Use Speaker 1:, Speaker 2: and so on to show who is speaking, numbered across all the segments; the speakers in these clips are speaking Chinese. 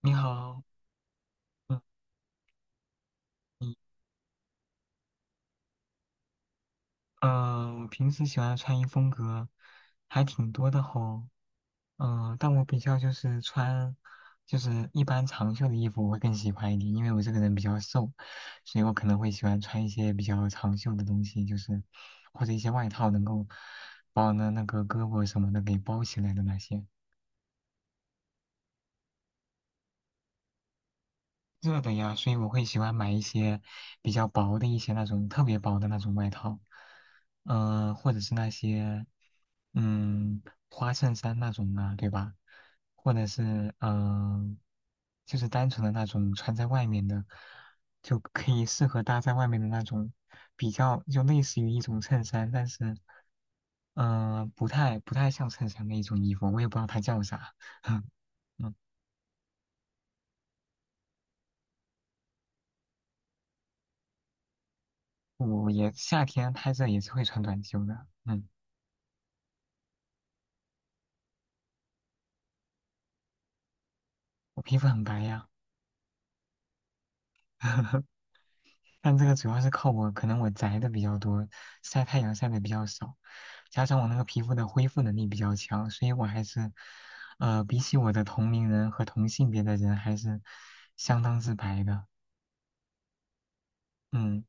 Speaker 1: 你好。嗯。你我平时喜欢的穿衣风格还挺多的吼。但我比较就是穿，就是一般长袖的衣服我会更喜欢一点，因为我这个人比较瘦，所以我可能会喜欢穿一些比较长袖的东西，就是或者一些外套能够把我的那个胳膊什么的给包起来的那些。热的呀，所以我会喜欢买一些比较薄的一些那种特别薄的那种外套，或者是那些嗯花衬衫那种啊，对吧？或者是就是单纯的那种穿在外面的，就可以适合搭在外面的那种，比较就类似于一种衬衫，但是不太像衬衫的一种衣服，我也不知道它叫啥。嗯，我也夏天拍热也是会穿短袖的。嗯。我皮肤很白呀。但这个主要是靠我，可能我宅的比较多，晒太阳晒的比较少，加上我那个皮肤的恢复能力比较强，所以我还是，比起我的同龄人和同性别的人，还是相当之白的。嗯。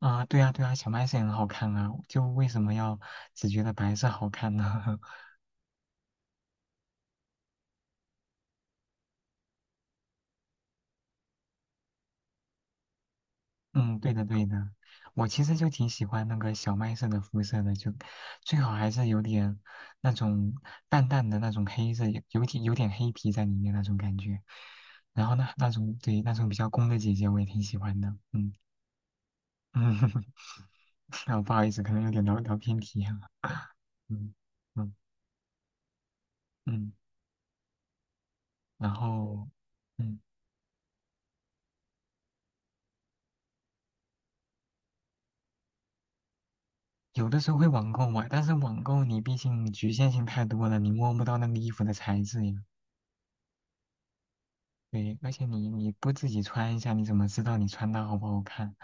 Speaker 1: 啊、对啊，对啊，小麦是很好看啊，就为什么要只觉得白色好看呢？嗯，对的对的，我其实就挺喜欢那个小麦色的肤色的，就最好还是有点那种淡淡的那种黑色，有点黑皮在里面那种感觉。然后呢，那种对那种比较攻的姐姐我也挺喜欢的。嗯嗯。啊，不好意思，可能有点聊聊偏题了。嗯嗯嗯，然后嗯有的时候会网购嘛，但是网购你毕竟局限性太多了，你摸不到那个衣服的材质呀。对，而且你不自己穿一下，你怎么知道你穿搭好不好看？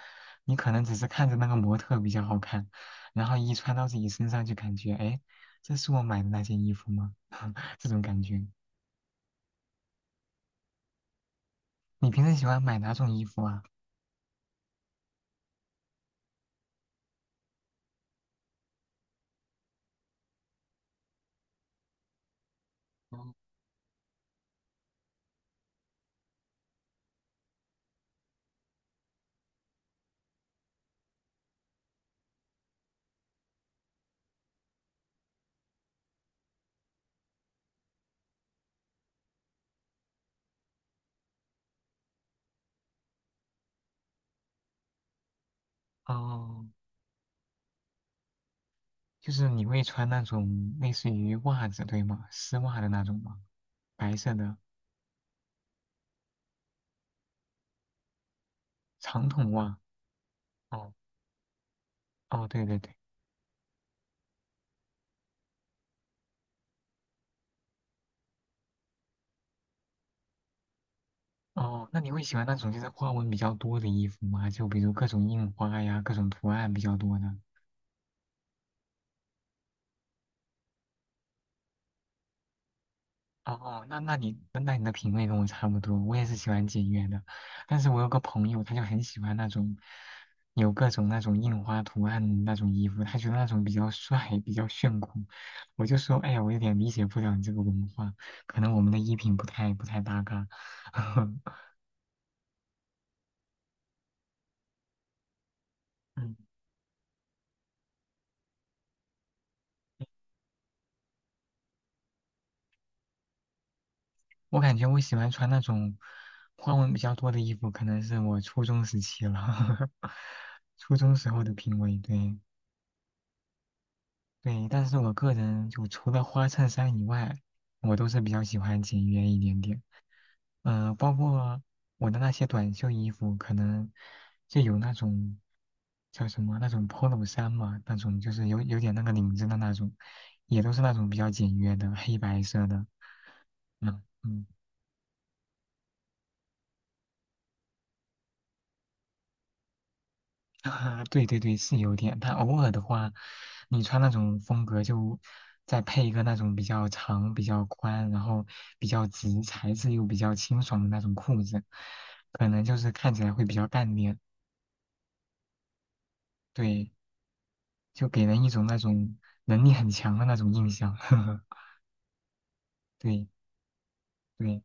Speaker 1: 你可能只是看着那个模特比较好看，然后一穿到自己身上就感觉，哎，这是我买的那件衣服吗？这种感觉。你平时喜欢买哪种衣服啊？嗯哦，哦就是你会穿那种类似于袜子，对吗？丝袜的那种吗？白色的长筒袜。哦哦，对对对。哦，那你会喜欢那种就是花纹比较多的衣服吗？就比如各种印花呀，各种图案比较多的。哦，那你的品味跟我差不多，我也是喜欢简约的，但是我有个朋友，他就很喜欢那种有各种那种印花图案的那种衣服，他觉得那种比较帅，比较炫酷。我就说，哎呀，我有点理解不了你这个文化，可能我们的衣品不太搭嘎。嗯，我感觉我喜欢穿那种花纹比较多的衣服，可能是我初中时期了，初中时候的品味，对。对，但是我个人就除了花衬衫以外，我都是比较喜欢简约一点点。包括我的那些短袖衣服，可能就有那种叫什么那种 polo 衫嘛，那种就是有点那个领子的那种，也都是那种比较简约的黑白色的。嗯嗯。啊，对对对，是有点。但偶尔的话，你穿那种风格，就再配一个那种比较长、比较宽，然后比较直，材质又比较清爽的那种裤子，可能就是看起来会比较干练。对，就给人一种那种能力很强的那种印象。对对。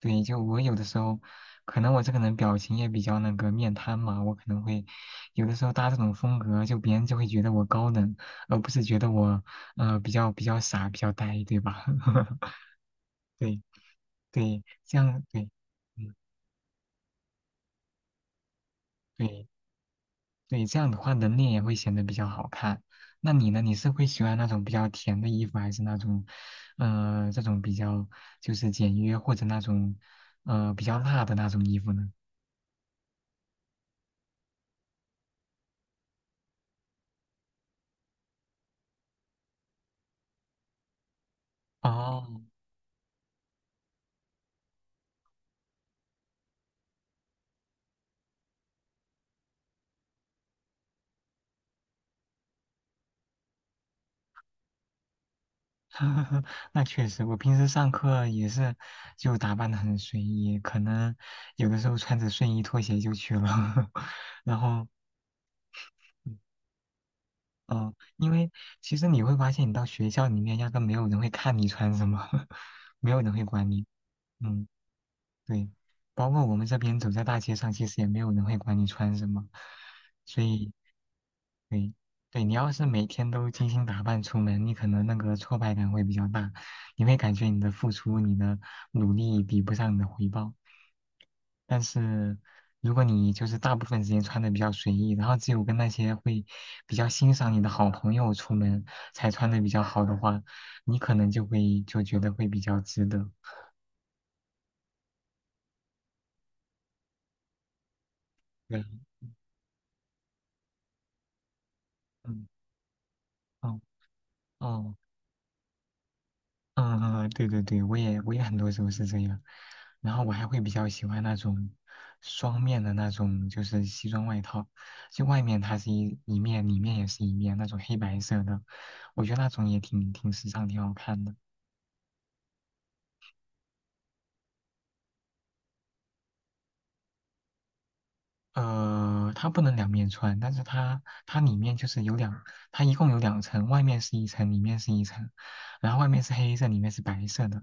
Speaker 1: 对，就我有的时候，可能我这个人表情也比较那个面瘫嘛，我可能会有的时候搭这种风格，就别人就会觉得我高冷，而不是觉得我比较傻、比较呆，对吧？对对，这样对，嗯对对，这样的话人脸也会显得比较好看。那你呢？你是会喜欢那种比较甜的衣服，还是那种这种比较就是简约或者那种比较辣的那种衣服呢？哦。 那确实，我平时上课也是就打扮的很随意，可能有的时候穿着睡衣拖鞋就去了。然后，嗯、因为其实你会发现，你到学校里面压根没有人会看你穿什么，没有人会管你。嗯，对，包括我们这边走在大街上，其实也没有人会管你穿什么，所以对，对你要是每天都精心打扮出门，你可能那个挫败感会比较大，你会感觉你的付出、你的努力比不上你的回报。但是如果你就是大部分时间穿的比较随意，然后只有跟那些会比较欣赏你的好朋友出门才穿的比较好的话，你可能就会就觉得会比较值得。对，嗯，哦哦。嗯嗯，嗯对对对，我也很多时候是这样，然后我还会比较喜欢那种双面的那种，就是西装外套，就外面它是一面，里面也是一面，那种黑白色的，我觉得那种也挺时尚，挺好看的。它不能两面穿，但是它里面就是有两，它一共有两层，外面是一层，里面是一层，然后外面是黑色，里面是白色的，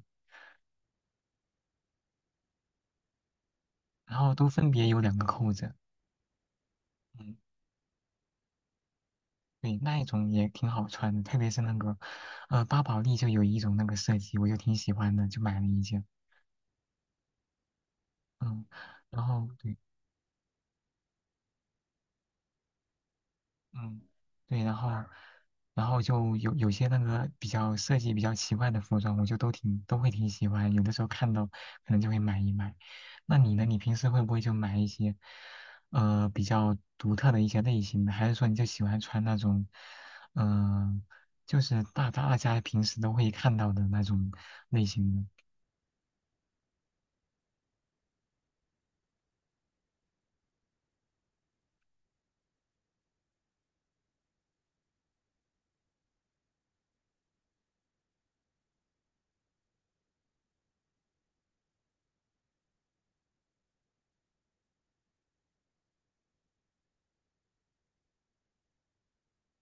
Speaker 1: 然后都分别有两个扣子。嗯对，那一种也挺好穿的，特别是那个，巴宝莉就有一种那个设计，我就挺喜欢的，就买了一件。嗯，然后对，嗯，对，然后就有些那个比较设计比较奇怪的服装，我就都挺都会挺喜欢，有的时候看到可能就会买一买。那你呢？你平时会不会就买一些，比较独特的一些类型的？还是说你就喜欢穿那种，嗯、就是大家平时都会看到的那种类型的。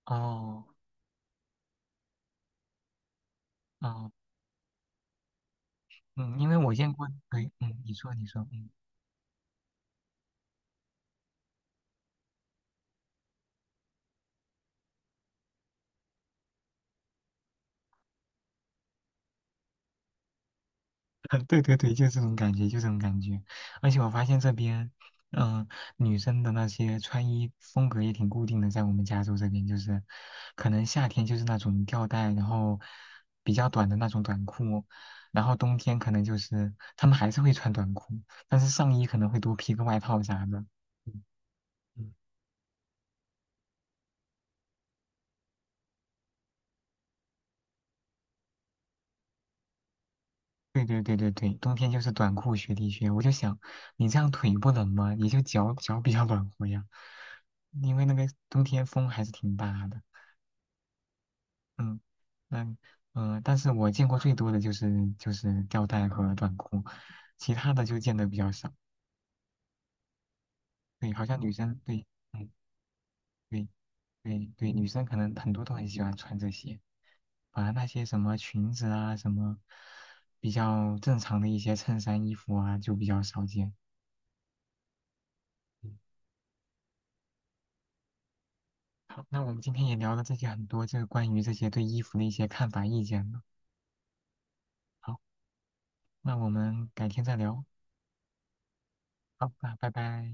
Speaker 1: 哦哦，嗯，因为我见过，对，嗯，你说你说，嗯。对对对，就这种感觉，就这种感觉。而且我发现这边，嗯、女生的那些穿衣风格也挺固定的，在我们加州这边，就是可能夏天就是那种吊带，然后比较短的那种短裤，然后冬天可能就是她们还是会穿短裤，但是上衣可能会多披个外套啥的。嗯嗯，对对对对对，冬天就是短裤、雪地靴。我就想，你这样腿不冷吗？你就脚比较暖和呀，因为那个冬天风还是挺大的。嗯。那但是我见过最多的就是吊带和短裤，其他的就见的比较少。对，好像女生对，嗯，对对对，女生可能很多都很喜欢穿这些，反而那些什么裙子啊，什么比较正常的一些衬衫、衣服啊，就比较少见。好，那我们今天也聊了这些很多，这个关于这些对衣服的一些看法、意见了。好，那我们改天再聊。好，那拜拜。